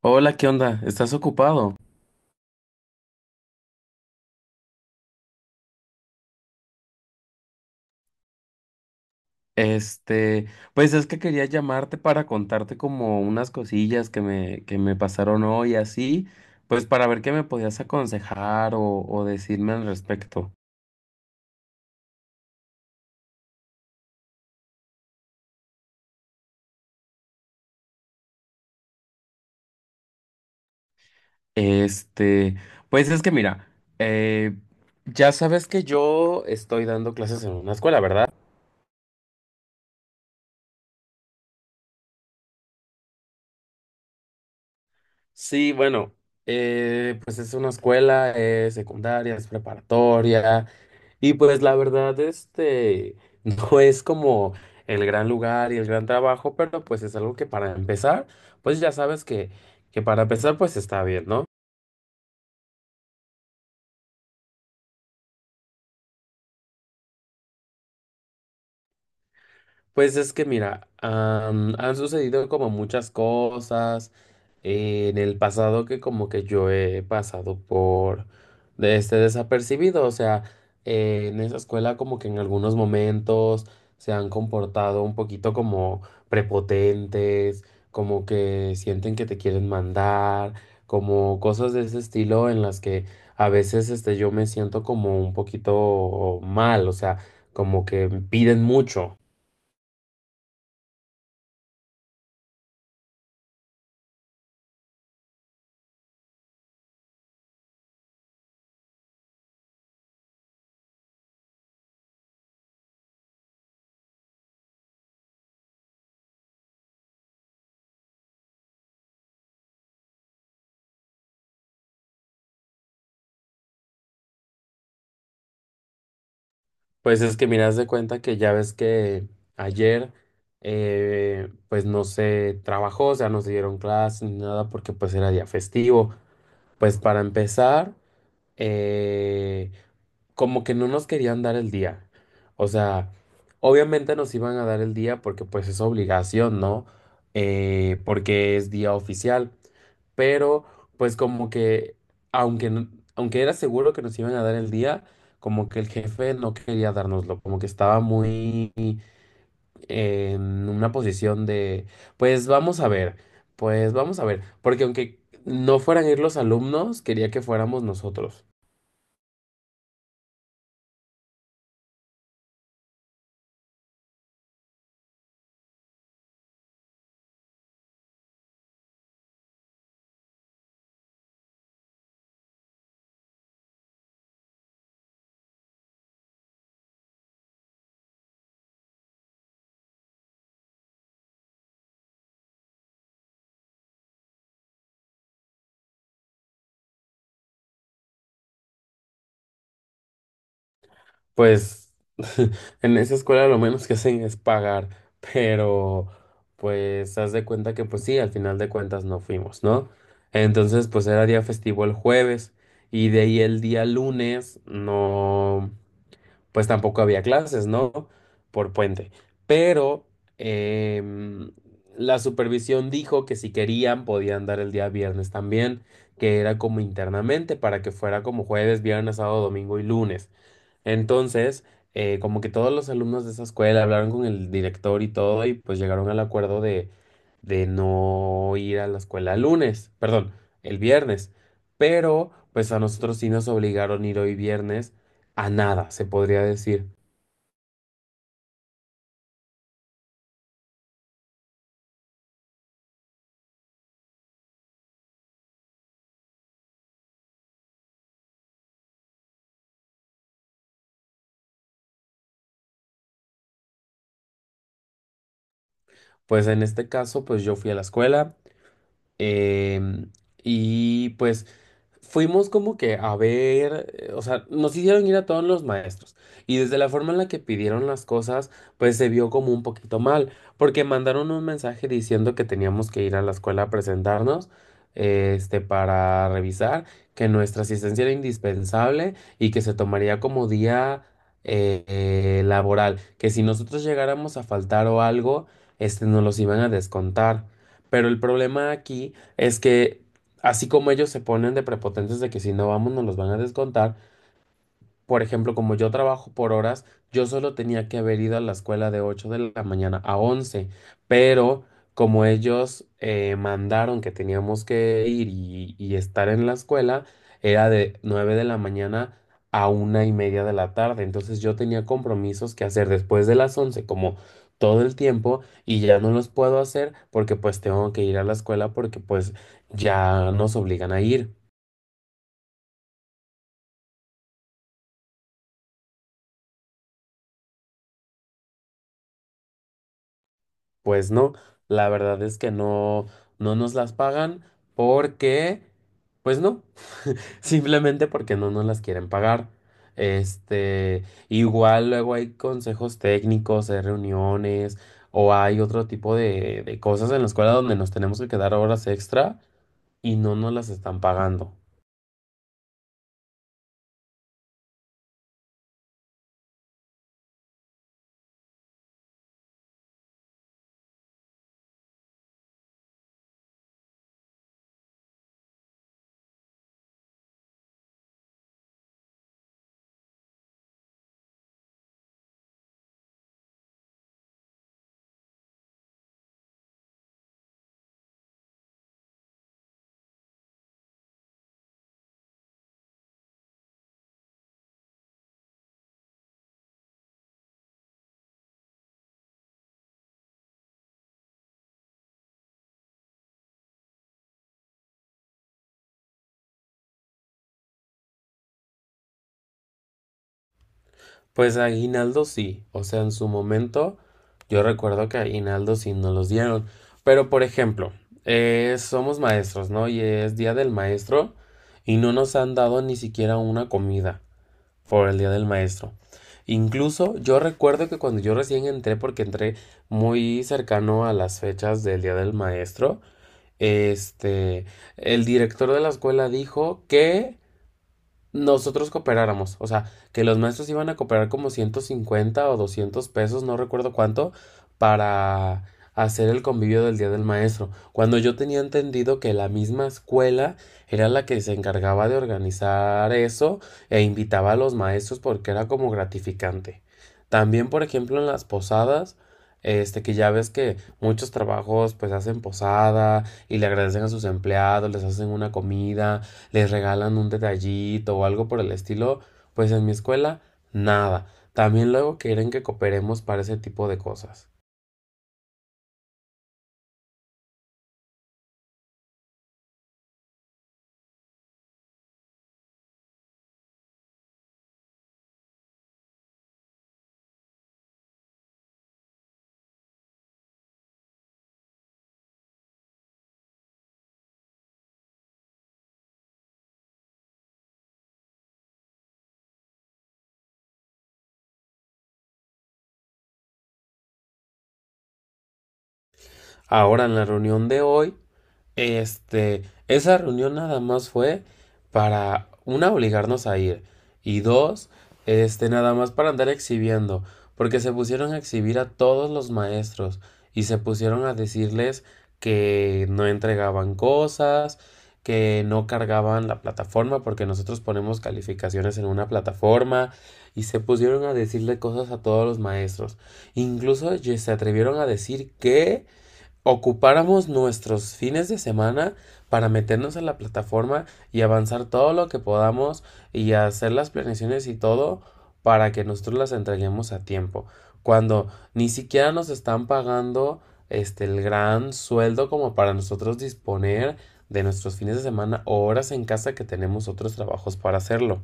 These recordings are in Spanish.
Hola, ¿qué onda? ¿Estás ocupado? Este, pues es que quería llamarte para contarte como unas cosillas que me pasaron hoy así, pues para ver qué me podías aconsejar o decirme al respecto. Este, pues es que mira, eh, ya sabes que yo estoy dando clases en una escuela, ¿verdad? Sí, bueno, pues es una escuela, secundaria, es preparatoria. Y pues la verdad, no es como el gran lugar y el gran trabajo, pero pues es algo que para empezar, pues ya sabes que para empezar pues está bien, ¿no? Pues es que mira, han sucedido como muchas cosas en el pasado que como que yo he pasado por de este desapercibido, o sea, en esa escuela como que en algunos momentos se han comportado un poquito como prepotentes, como que sienten que te quieren mandar, como cosas de ese estilo en las que a veces este yo me siento como un poquito mal, o sea, como que piden mucho. Pues es que miras de cuenta que ya ves que ayer pues no se trabajó, o sea, no se dieron clases ni nada porque pues era día festivo. Pues para empezar, eh, como que no nos querían dar el día. O sea, obviamente nos iban a dar el día porque pues es obligación, ¿no? Porque es día oficial. Pero pues como que, aunque, no- aunque era seguro que nos iban a dar el día, como que el jefe no quería dárnoslo, como que estaba muy en una posición de, pues vamos a ver, pues vamos a ver, porque aunque no fueran ir los alumnos, quería que fuéramos nosotros. Pues en esa escuela lo menos que hacen es pagar, pero pues haz de cuenta que pues sí, al final de cuentas no fuimos, ¿no? Entonces pues era día festivo el jueves y de ahí el día lunes no, pues tampoco había clases, ¿no? Por puente. Pero em, la supervisión dijo que si querían podían dar el día viernes también, que era como internamente para que fuera como jueves, viernes, sábado, domingo y lunes. Entonces, como que todos los alumnos de esa escuela hablaron con el director y todo, y pues llegaron al acuerdo de no ir a la escuela el lunes, perdón, el viernes. Pero, pues a nosotros sí nos obligaron a ir hoy viernes a nada, se podría decir. Pues en este caso, pues yo fui a la escuela. Em, y pues fuimos como que a ver, o sea, nos hicieron ir a todos los maestros. Y desde la forma en la que pidieron las cosas, pues se vio como un poquito mal, porque mandaron un mensaje diciendo que teníamos que ir a la escuela a presentarnos, para revisar, que nuestra asistencia era indispensable y que se tomaría como día laboral, que si nosotros llegáramos a faltar o algo, nos los iban a descontar. Pero el problema aquí es que así como ellos se ponen de prepotentes de que si no vamos nos los van a descontar, por ejemplo, como yo trabajo por horas, yo solo tenía que haber ido a la escuela de 8 de la mañana a 11, pero como ellos mandaron que teníamos que ir y estar en la escuela, era de 9 de la mañana a una y media de la tarde. Entonces yo tenía compromisos que hacer después de las 11, como todo el tiempo, y ya no los puedo hacer porque pues tengo que ir a la escuela porque pues ya nos obligan a ir. Pues no, la verdad es que no, no nos las pagan porque, pues no, simplemente porque no nos las quieren pagar. Este, Igual luego hay consejos técnicos, hay reuniones o hay otro tipo de cosas en la escuela donde nos tenemos que quedar horas extra y no nos las están pagando. Pues aguinaldo sí, o sea, en su momento yo recuerdo que aguinaldo sí nos los dieron, pero por ejemplo, somos maestros, ¿no? Y es Día del Maestro y no nos han dado ni siquiera una comida por el Día del Maestro. Incluso yo recuerdo que cuando yo recién entré, porque entré muy cercano a las fechas del Día del Maestro, este, el director de la escuela dijo que nosotros cooperáramos, o sea, que los maestros iban a cooperar como 150 o 200 pesos, no recuerdo cuánto, para hacer el convivio del Día del Maestro, cuando yo tenía entendido que la misma escuela era la que se encargaba de organizar eso e invitaba a los maestros porque era como gratificante. También, por ejemplo, en las posadas, este que ya ves que muchos trabajos pues hacen posada y le agradecen a sus empleados, les hacen una comida, les regalan un detallito o algo por el estilo, pues en mi escuela nada. También luego quieren que cooperemos para ese tipo de cosas. Ahora en la reunión de hoy Este, esa reunión nada más fue para, una, obligarnos a ir y dos, nada más para andar exhibiendo, porque se pusieron a exhibir a todos los maestros y se pusieron a decirles que no entregaban cosas, que no cargaban la plataforma porque nosotros ponemos calificaciones en una plataforma y se pusieron a decirle cosas a todos los maestros. Incluso se atrevieron a decir que ocupáramos nuestros fines de semana para meternos a la plataforma y avanzar todo lo que podamos y hacer las planeaciones y todo para que nosotros las entreguemos a tiempo. Cuando ni siquiera nos están pagando este el gran sueldo como para nosotros disponer de nuestros fines de semana o horas en casa que tenemos otros trabajos para hacerlo.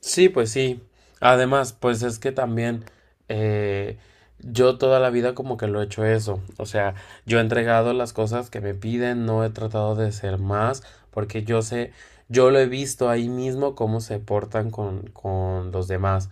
Sí, pues sí. Además, pues es que también eh, yo toda la vida como que lo he hecho eso. O sea, yo he entregado las cosas que me piden, no he tratado de ser más, porque yo sé, yo lo he visto ahí mismo cómo se portan con los demás.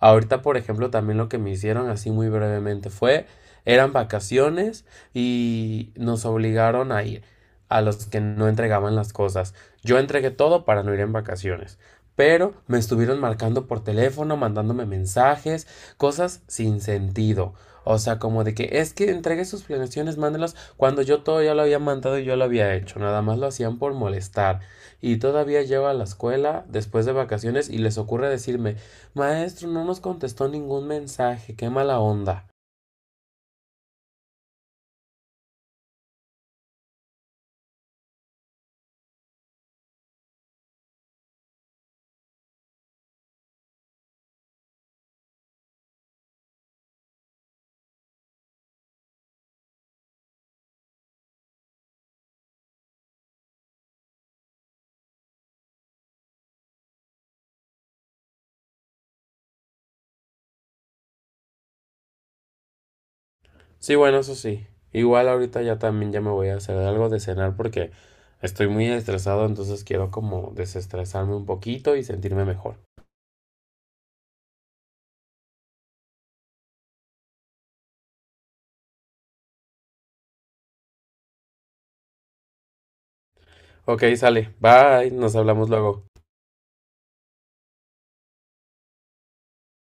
Ahorita, por ejemplo, también lo que me hicieron así muy brevemente fue, eran vacaciones y nos obligaron a ir a los que no entregaban las cosas. Yo entregué todo para no ir en vacaciones. Pero me estuvieron marcando por teléfono, mandándome mensajes, cosas sin sentido. O sea, como de que es que entregue sus planeaciones, mándelas cuando yo todo ya lo había mandado y yo lo había hecho. Nada más lo hacían por molestar. Y todavía llego a la escuela después de vacaciones y les ocurre decirme, maestro, no nos contestó ningún mensaje, qué mala onda. Sí, bueno, eso sí. Igual ahorita ya también ya me voy a hacer algo de cenar porque estoy muy estresado, entonces quiero como desestresarme un poquito y sentirme mejor. Ok, sale. Bye, nos hablamos luego.